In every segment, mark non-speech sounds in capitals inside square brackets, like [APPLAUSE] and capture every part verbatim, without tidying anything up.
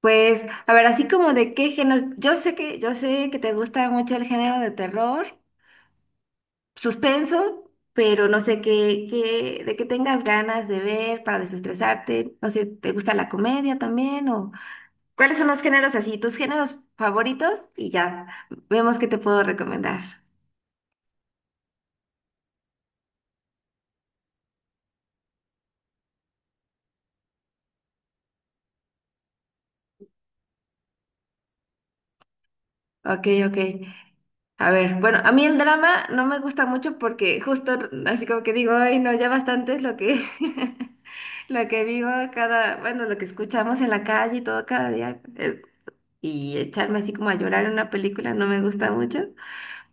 Pues, a ver, así como de qué género, yo sé que, yo sé que te gusta mucho el género de terror, suspenso, pero no sé qué, qué, de qué tengas ganas de ver para desestresarte, no sé, ¿te gusta la comedia también? O cuáles son los géneros así, tus géneros favoritos, y ya vemos qué te puedo recomendar. Ok, ok. A ver, bueno, a mí el drama no me gusta mucho porque justo así como que digo, ay, no, ya bastante es lo que, [LAUGHS] lo que vivo cada, bueno, lo que escuchamos en la calle y todo cada día. eh, Y echarme así como a llorar en una película no me gusta mucho,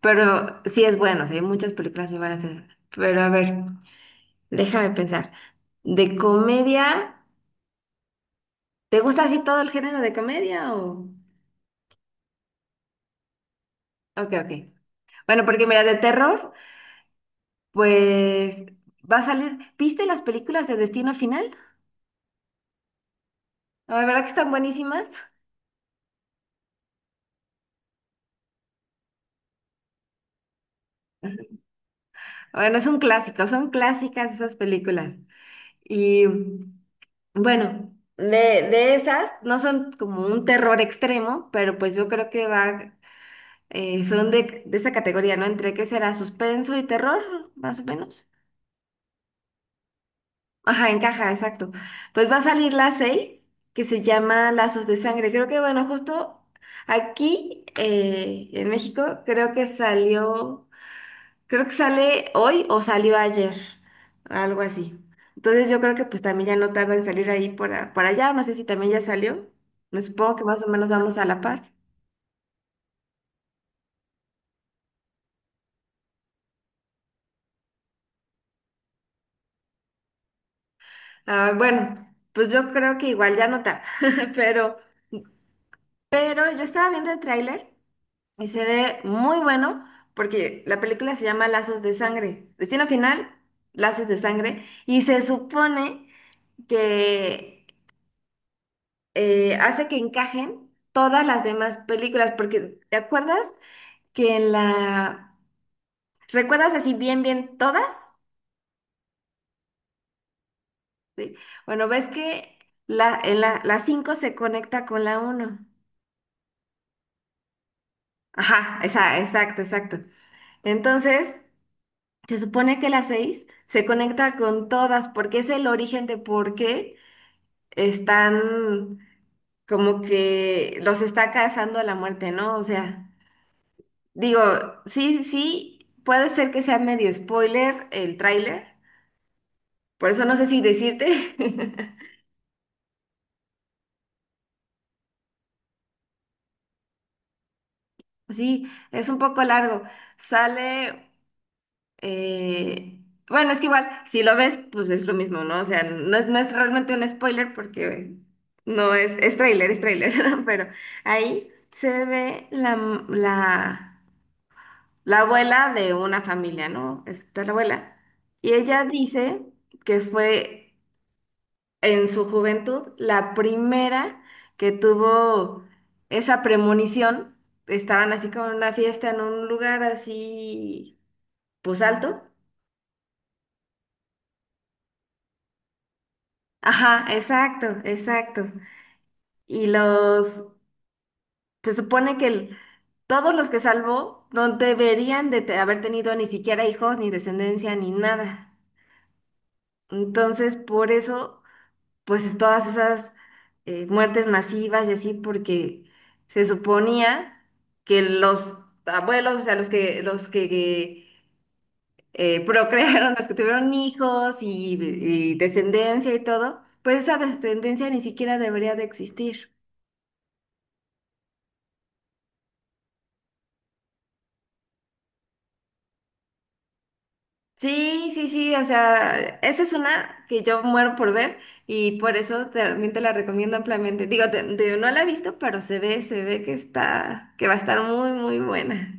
pero sí es bueno, sí, hay muchas películas me van a hacer. Pero a ver, déjame pensar. ¿De comedia? ¿Te gusta así todo el género de comedia o...? Ok, ok. Bueno, porque mira, de terror. Pues va a salir. ¿Viste las películas de Destino Final? La verdad que están buenísimas. Bueno, es un clásico, son clásicas esas películas. Y bueno, de, de esas no son como un terror extremo, pero pues yo creo que va, eh, son de, de esa categoría, ¿no? Entre qué será suspenso y terror, más o menos. Ajá, encaja, exacto. Pues va a salir la seis que se llama Lazos de Sangre. Creo que, bueno, justo aquí eh, en México, creo que salió, creo que sale hoy o salió ayer, algo así. Entonces yo creo que pues también ya no tarda en salir ahí por, a- por allá, no sé si también ya salió. Me supongo que más o menos vamos a la par. Ah, bueno, pues yo creo que igual ya no tarda, [LAUGHS] pero, pero yo estaba viendo el tráiler. Y se ve muy bueno porque la película se llama Lazos de Sangre. Destino final, Lazos de Sangre. Y se supone que eh, hace que encajen todas las demás películas. Porque, ¿te acuerdas que en la... ¿Recuerdas así bien, bien todas? Sí. Bueno, ves que la, en la, la cinco se conecta con la uno. Ajá, esa, exacto, exacto. Entonces... Se supone que las seis se conecta con todas porque es el origen de por qué están como que los está cazando a la muerte, ¿no? O sea, digo, sí, sí, puede ser que sea medio spoiler el tráiler, por eso no sé si decirte. [LAUGHS] Sí, es un poco largo. Sale Eh, bueno, es que igual, si lo ves, pues es lo mismo, ¿no? O sea, no es, no es realmente un spoiler porque no es, es tráiler, es tráiler, [LAUGHS] pero ahí se ve la, la, la abuela de una familia, ¿no? Está la abuela. Y ella dice que fue en su juventud la primera que tuvo esa premonición. Estaban así como en una fiesta en un lugar así, pues alto. Ajá, exacto, exacto. Y los, se supone que el- todos los que salvó no deberían de te- haber tenido ni siquiera hijos, ni descendencia, ni nada. Entonces, por eso, pues todas esas eh, muertes masivas y así, porque se suponía que los abuelos, o sea, los que, los que eh, procrearon, [LAUGHS] los que tuvieron hijos y y descendencia y todo, pues esa descendencia ni siquiera debería de existir. Sí, sí, sí, o sea, esa es una que yo muero por ver y por eso también te la recomiendo ampliamente. Digo, te- te- no la he visto, pero se ve, se ve que está, que va a estar muy, muy buena.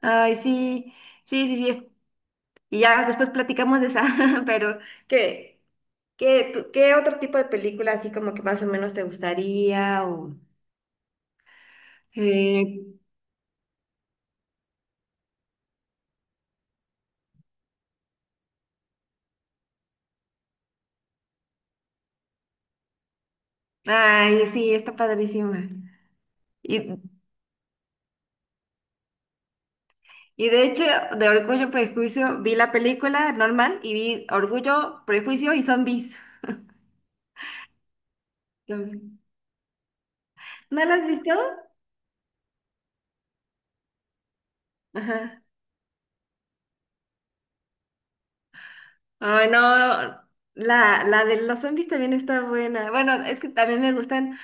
Ay, sí, sí, sí, sí, es- y ya después platicamos de esa, [LAUGHS] pero ¿qué, qué, tú- ¿qué otro tipo de película así como que más o menos te gustaría o... eh, ay, sí, está padrísima. Y de hecho, de Orgullo y Prejuicio vi la película normal y vi Orgullo, Prejuicio y Zombies. ¿No las has visto? Ajá. Ay, no. La, la de los zombies también está buena. Bueno, es que también me gustan.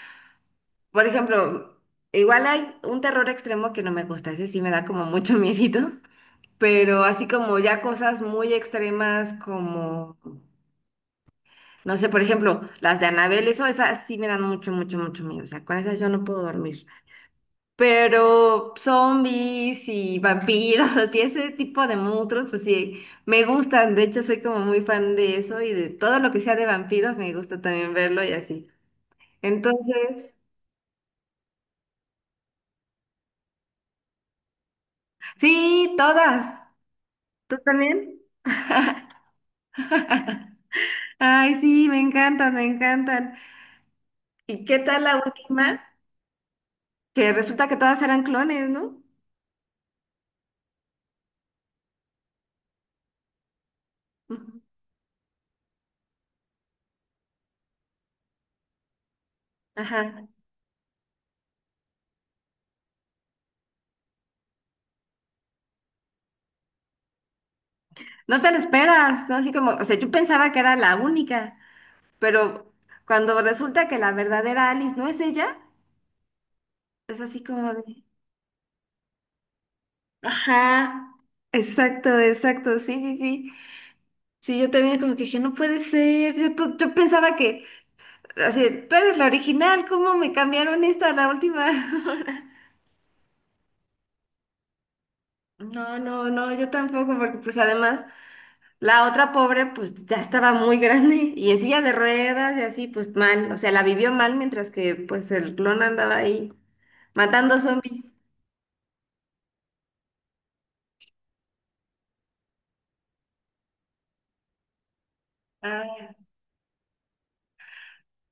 Por ejemplo, igual hay un terror extremo que no me gusta. Ese sí me da como mucho [LAUGHS] miedito. Pero así como ya cosas muy extremas como, no sé, por ejemplo, las de Anabel, eso, esas sí me dan mucho, mucho, mucho miedo. O sea, con esas yo no puedo dormir. Pero zombies y vampiros [LAUGHS] y ese tipo de monstruos, pues sí, me gustan. De hecho, soy como muy fan de eso y de todo lo que sea de vampiros, me gusta también verlo y así. Entonces, sí, todas. ¿Tú también? [LAUGHS] Ay, sí, me encantan, me encantan. ¿Y qué tal la última? Que resulta que todas eran clones, ¿no? Ujú. Ajá. No te lo esperas, ¿no? Así como, o sea, yo pensaba que era la única. Pero cuando resulta que la verdadera Alice no es ella, es así como de... Ajá. Exacto, exacto, sí, sí, sí. Sí, yo también como que dije, no puede ser, yo, to- yo pensaba que, así, tú eres la original, ¿cómo me cambiaron esto a la última hora? [LAUGHS] No, no, no, yo tampoco, porque pues además la otra pobre pues ya estaba muy grande y en silla de ruedas y así pues mal, o sea, la vivió mal mientras que pues el clon andaba ahí matando zombies.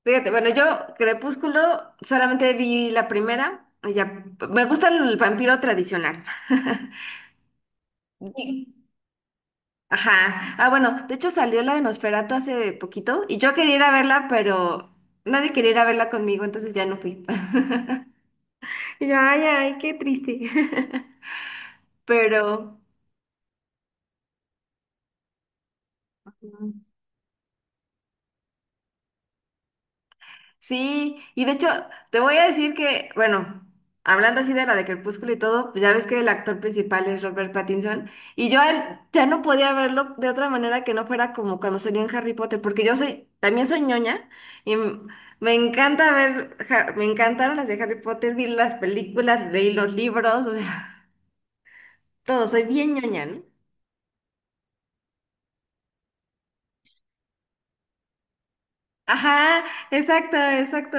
Fíjate, bueno, yo Crepúsculo solamente vi la primera. Y ya, me gusta el vampiro tradicional. Y- [LAUGHS] Ajá. Ah, bueno, de hecho salió la de Nosferatu hace poquito y yo quería ir a verla, pero nadie quería ir a verla conmigo, entonces ya no fui. [LAUGHS] Y yo, ay, ay, qué triste. [LAUGHS] Pero... Sí, y de hecho, te voy a decir que, bueno, hablando así de la de Crepúsculo y todo, pues ya ves que el actor principal es Robert Pattinson, y yo a él ya no podía verlo de otra manera que no fuera como cuando salió en Harry Potter, porque yo soy, también soy ñoña, y m- me encanta ver, Ja- me encantaron las de Harry Potter, vi las películas, leí los libros, o sea, todo, soy bien ñoña, ¿no? Ajá, exacto, exacto.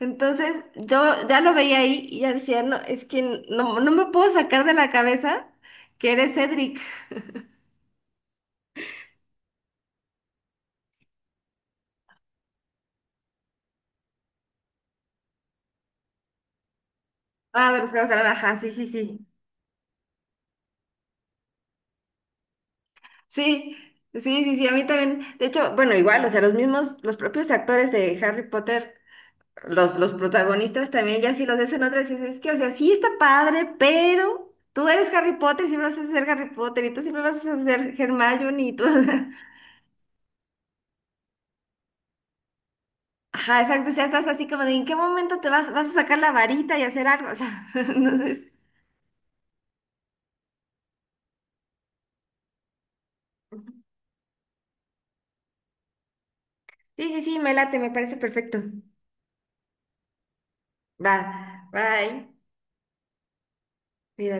Entonces yo ya lo veía ahí y ya decía, no, es que no, no me puedo sacar de la cabeza que eres Cedric. Ah, de los Juegos de la Baja, sí, sí, sí. Sí, sí, sí, sí, a mí también. De hecho, bueno, igual, o sea, los mismos, los propios actores de Harry Potter, los, los protagonistas también, ya si los ves en otras, dices, es que, o sea, sí está padre, pero tú eres Harry Potter, siempre vas a ser Harry Potter y tú siempre vas a ser Hermione y tú. [LAUGHS] Ajá, exacto, ya estás así como de ¿en qué momento te vas, vas a sacar la varita y hacer algo? O sea, [LAUGHS] entonces, sí, sí, sí, me late, me parece perfecto. Va, bye, cuídate.